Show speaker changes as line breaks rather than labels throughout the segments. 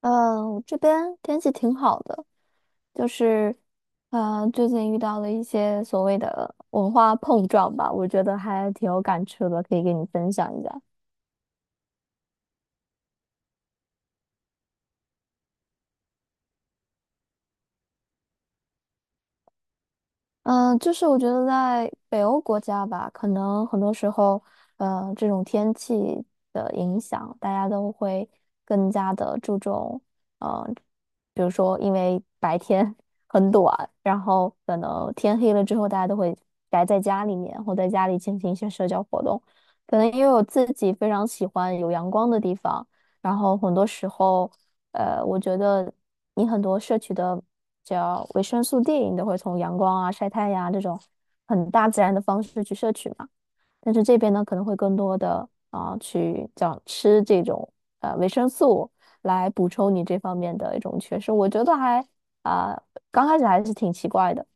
这边天气挺好的，就是，最近遇到了一些所谓的文化碰撞吧，我觉得还挺有感触的，可以给你分享一下。嗯，就是我觉得在北欧国家吧，可能很多时候，这种天气的影响，大家都会更加的注重，呃，比如说因为白天 很短，然后可能天黑了之后，大家都会宅在家里面，或在家里进行一些社交活动。可能因为我自己非常喜欢有阳光的地方，然后很多时候。我觉得你很多摄取的叫维生素 D，你都会从阳光啊、晒太阳啊这种很大自然的方式去摄取嘛。但是这边呢，可能会更多的啊、去叫吃这种维生素来补充你这方面的一种缺失。我觉得还啊、刚开始还是挺奇怪的。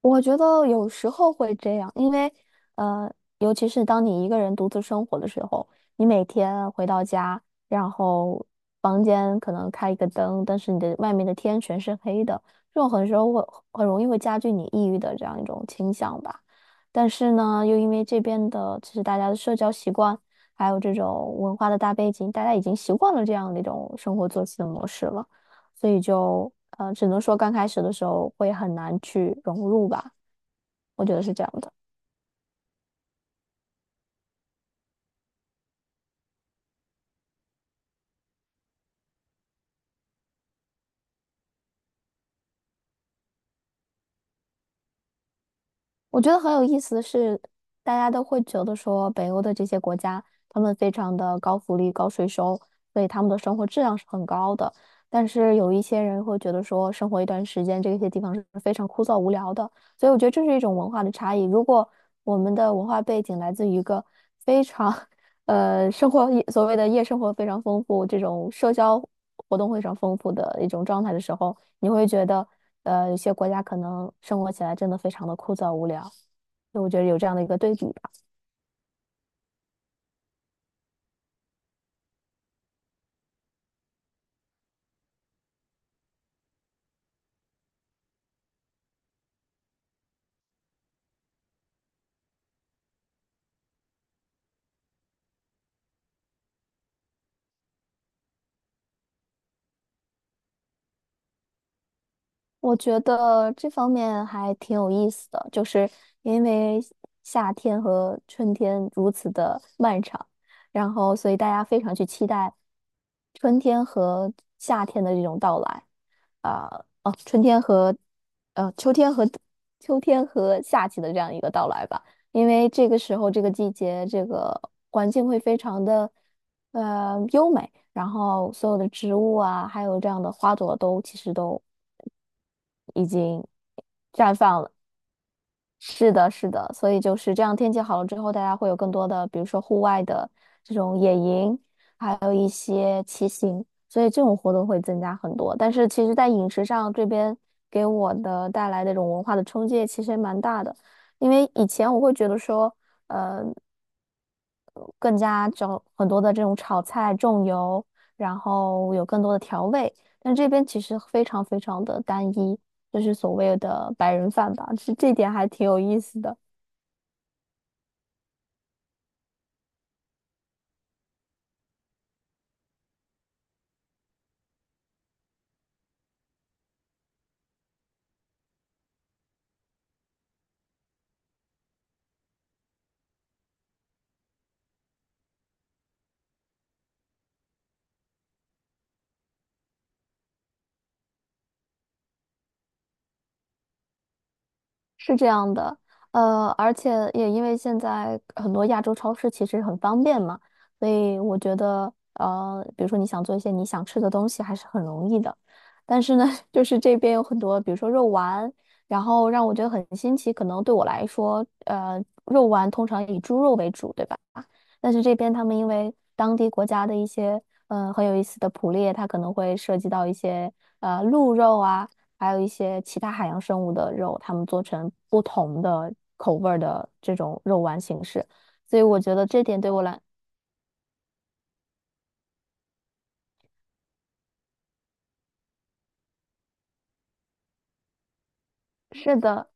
我觉得有时候会这样，因为呃，尤其是当你一个人独自生活的时候，你每天回到家，然后房间可能开一个灯，但是你的外面的天全是黑的，这种很时候会很容易会加剧你抑郁的这样一种倾向吧。但是呢，又因为这边的其实大家的社交习惯，还有这种文化的大背景，大家已经习惯了这样的一种生活作息的模式了。所以就只能说刚开始的时候会很难去融入吧。我觉得是这样的。我觉得很有意思的是，大家都会觉得说北欧的这些国家，他们非常的高福利、高税收，所以他们的生活质量是很高的。但是有一些人会觉得说，生活一段时间，这些地方是非常枯燥无聊的。所以我觉得这是一种文化的差异。如果我们的文化背景来自于一个非常 生活所谓的夜生活非常丰富，这种社交活动非常丰富的一种状态的时候。你会觉得，有些国家可能生活起来真的非常的枯燥无聊，就我觉得有这样的一个对比吧。我觉得这方面还挺有意思的，就是因为夏天和春天如此的漫长，然后所以大家非常去期待春天和夏天的这种到来。啊、哦，春天和秋天和夏季的这样一个到来吧，因为这个时候这个季节这个环境会非常的优美，然后所有的植物啊，还有这样的花朵都其实都已经绽放了。是的，是的，所以就是这样，天气好了之后，大家会有更多的，比如说户外的这种野营，还有一些骑行，所以这种活动会增加很多。但是其实，在饮食上这边给我的带来那种文化的冲击，其实也蛮大的。因为以前我会觉得说，更加找很多的这种炒菜重油，然后有更多的调味，但这边其实非常非常的单一，就是所谓的白人饭吧，其实这点还挺有意思的。是这样的，而且也因为现在很多亚洲超市其实很方便嘛，所以我觉得，比如说你想做一些你想吃的东西，还是很容易的。但是呢，就是这边有很多，比如说肉丸，然后让我觉得很新奇。可能对我来说，肉丸通常以猪肉为主，对吧？但是这边他们因为当地国家的一些嗯，很有意思的捕猎，它可能会涉及到一些鹿肉啊，还有一些其他海洋生物的肉，他们做成不同的口味儿的这种肉丸形式。所以我觉得这点对我来，是的，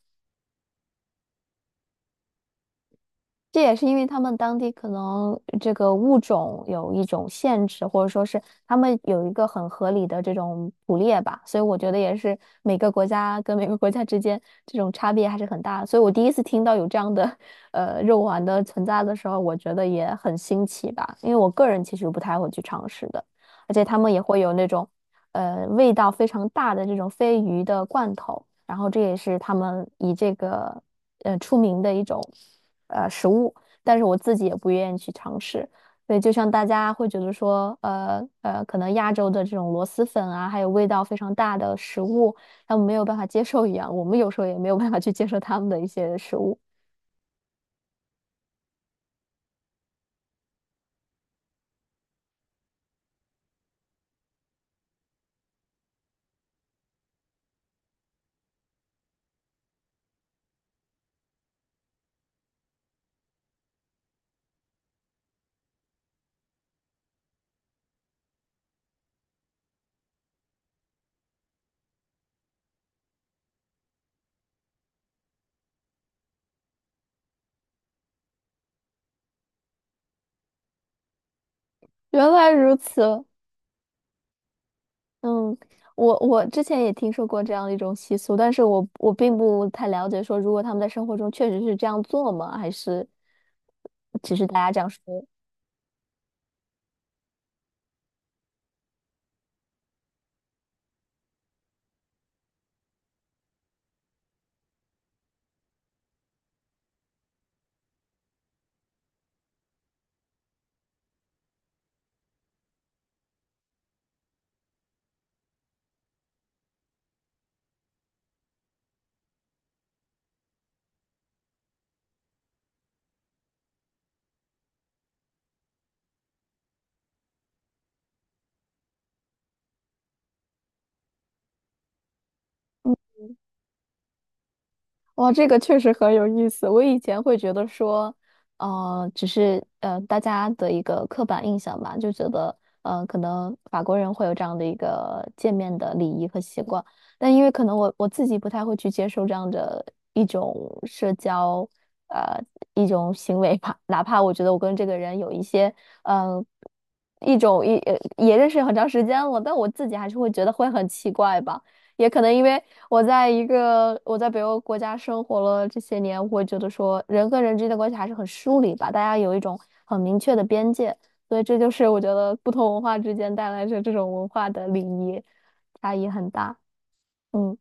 这也是因为他们当地可能这个物种有一种限制，或者说是他们有一个很合理的这种捕猎吧，所以我觉得也是每个国家跟每个国家之间这种差别还是很大的。所以我第一次听到有这样的肉丸的存在的时候，我觉得也很新奇吧，因为我个人其实不太会去尝试的，而且他们也会有那种味道非常大的这种鲱鱼的罐头，然后这也是他们以这个出名的一种。食物，但是我自己也不愿意去尝试。所以，就像大家会觉得说，可能亚洲的这种螺蛳粉啊，还有味道非常大的食物，他们没有办法接受一样，我们有时候也没有办法去接受他们的一些食物。原来如此，嗯，我之前也听说过这样的一种习俗，但是我并不太了解，说如果他们在生活中确实是这样做吗？还是只是大家这样说？哇，这个确实很有意思。我以前会觉得说，只是大家的一个刻板印象吧，就觉得可能法国人会有这样的一个见面的礼仪和习惯，但因为可能我自己不太会去接受这样的一种社交呃一种行为吧，哪怕我觉得我跟这个人有一些呃一种一呃也认识很长时间了，但我自己还是会觉得会很奇怪吧。也可能因为我在北欧国家生活了这些年，我会觉得说人和人之间的关系还是很疏离吧，大家有一种很明确的边界，所以这就是我觉得不同文化之间带来着这种文化的礼仪差异很大。嗯。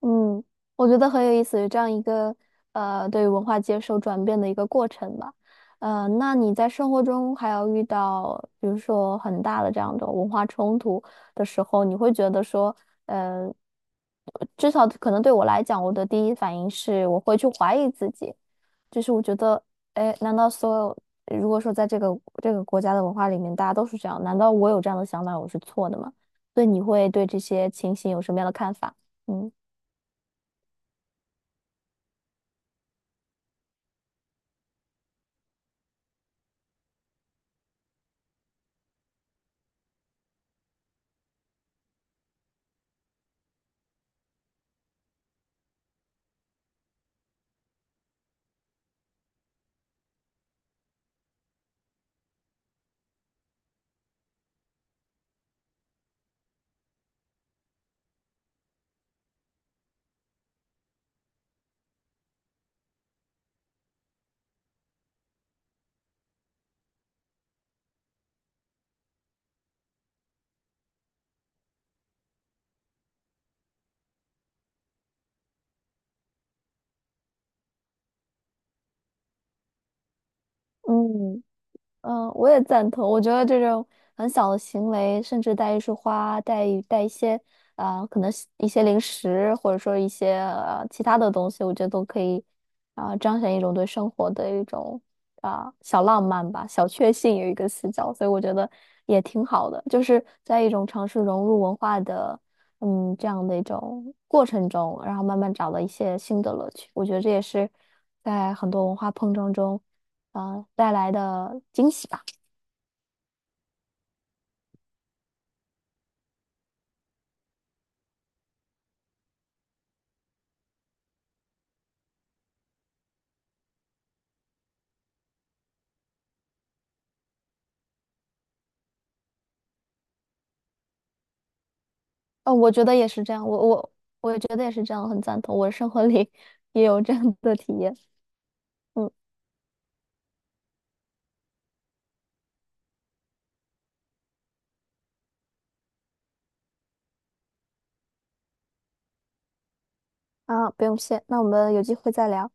嗯，我觉得很有意思，有这样一个对于文化接受转变的一个过程吧。那你在生活中还要遇到，比如说很大的这样的文化冲突的时候，你会觉得说，呃，至少可能对我来讲，我的第一反应是我会去怀疑自己，就是我觉得，哎，难道所有如果说在这个国家的文化里面，大家都是这样，难道我有这样的想法，我是错的吗？所以你会对这些情形有什么样的看法？嗯。嗯嗯，我也赞同。我觉得这种很小的行为，甚至带一束花，带一些可能是一些零食，或者说一些其他的东西，我觉得都可以彰显一种对生活的一种小浪漫吧，小确幸有一个死角，所以我觉得也挺好的，就是在一种尝试融入文化的嗯这样的一种过程中，然后慢慢找到一些新的乐趣。我觉得这也是在很多文化碰撞中。啊，带来的惊喜吧。我觉得也是这样，我也觉得也是这样，很赞同。我生活里 也有这样的体验。嗯，啊，不用谢，那我们有机会再聊。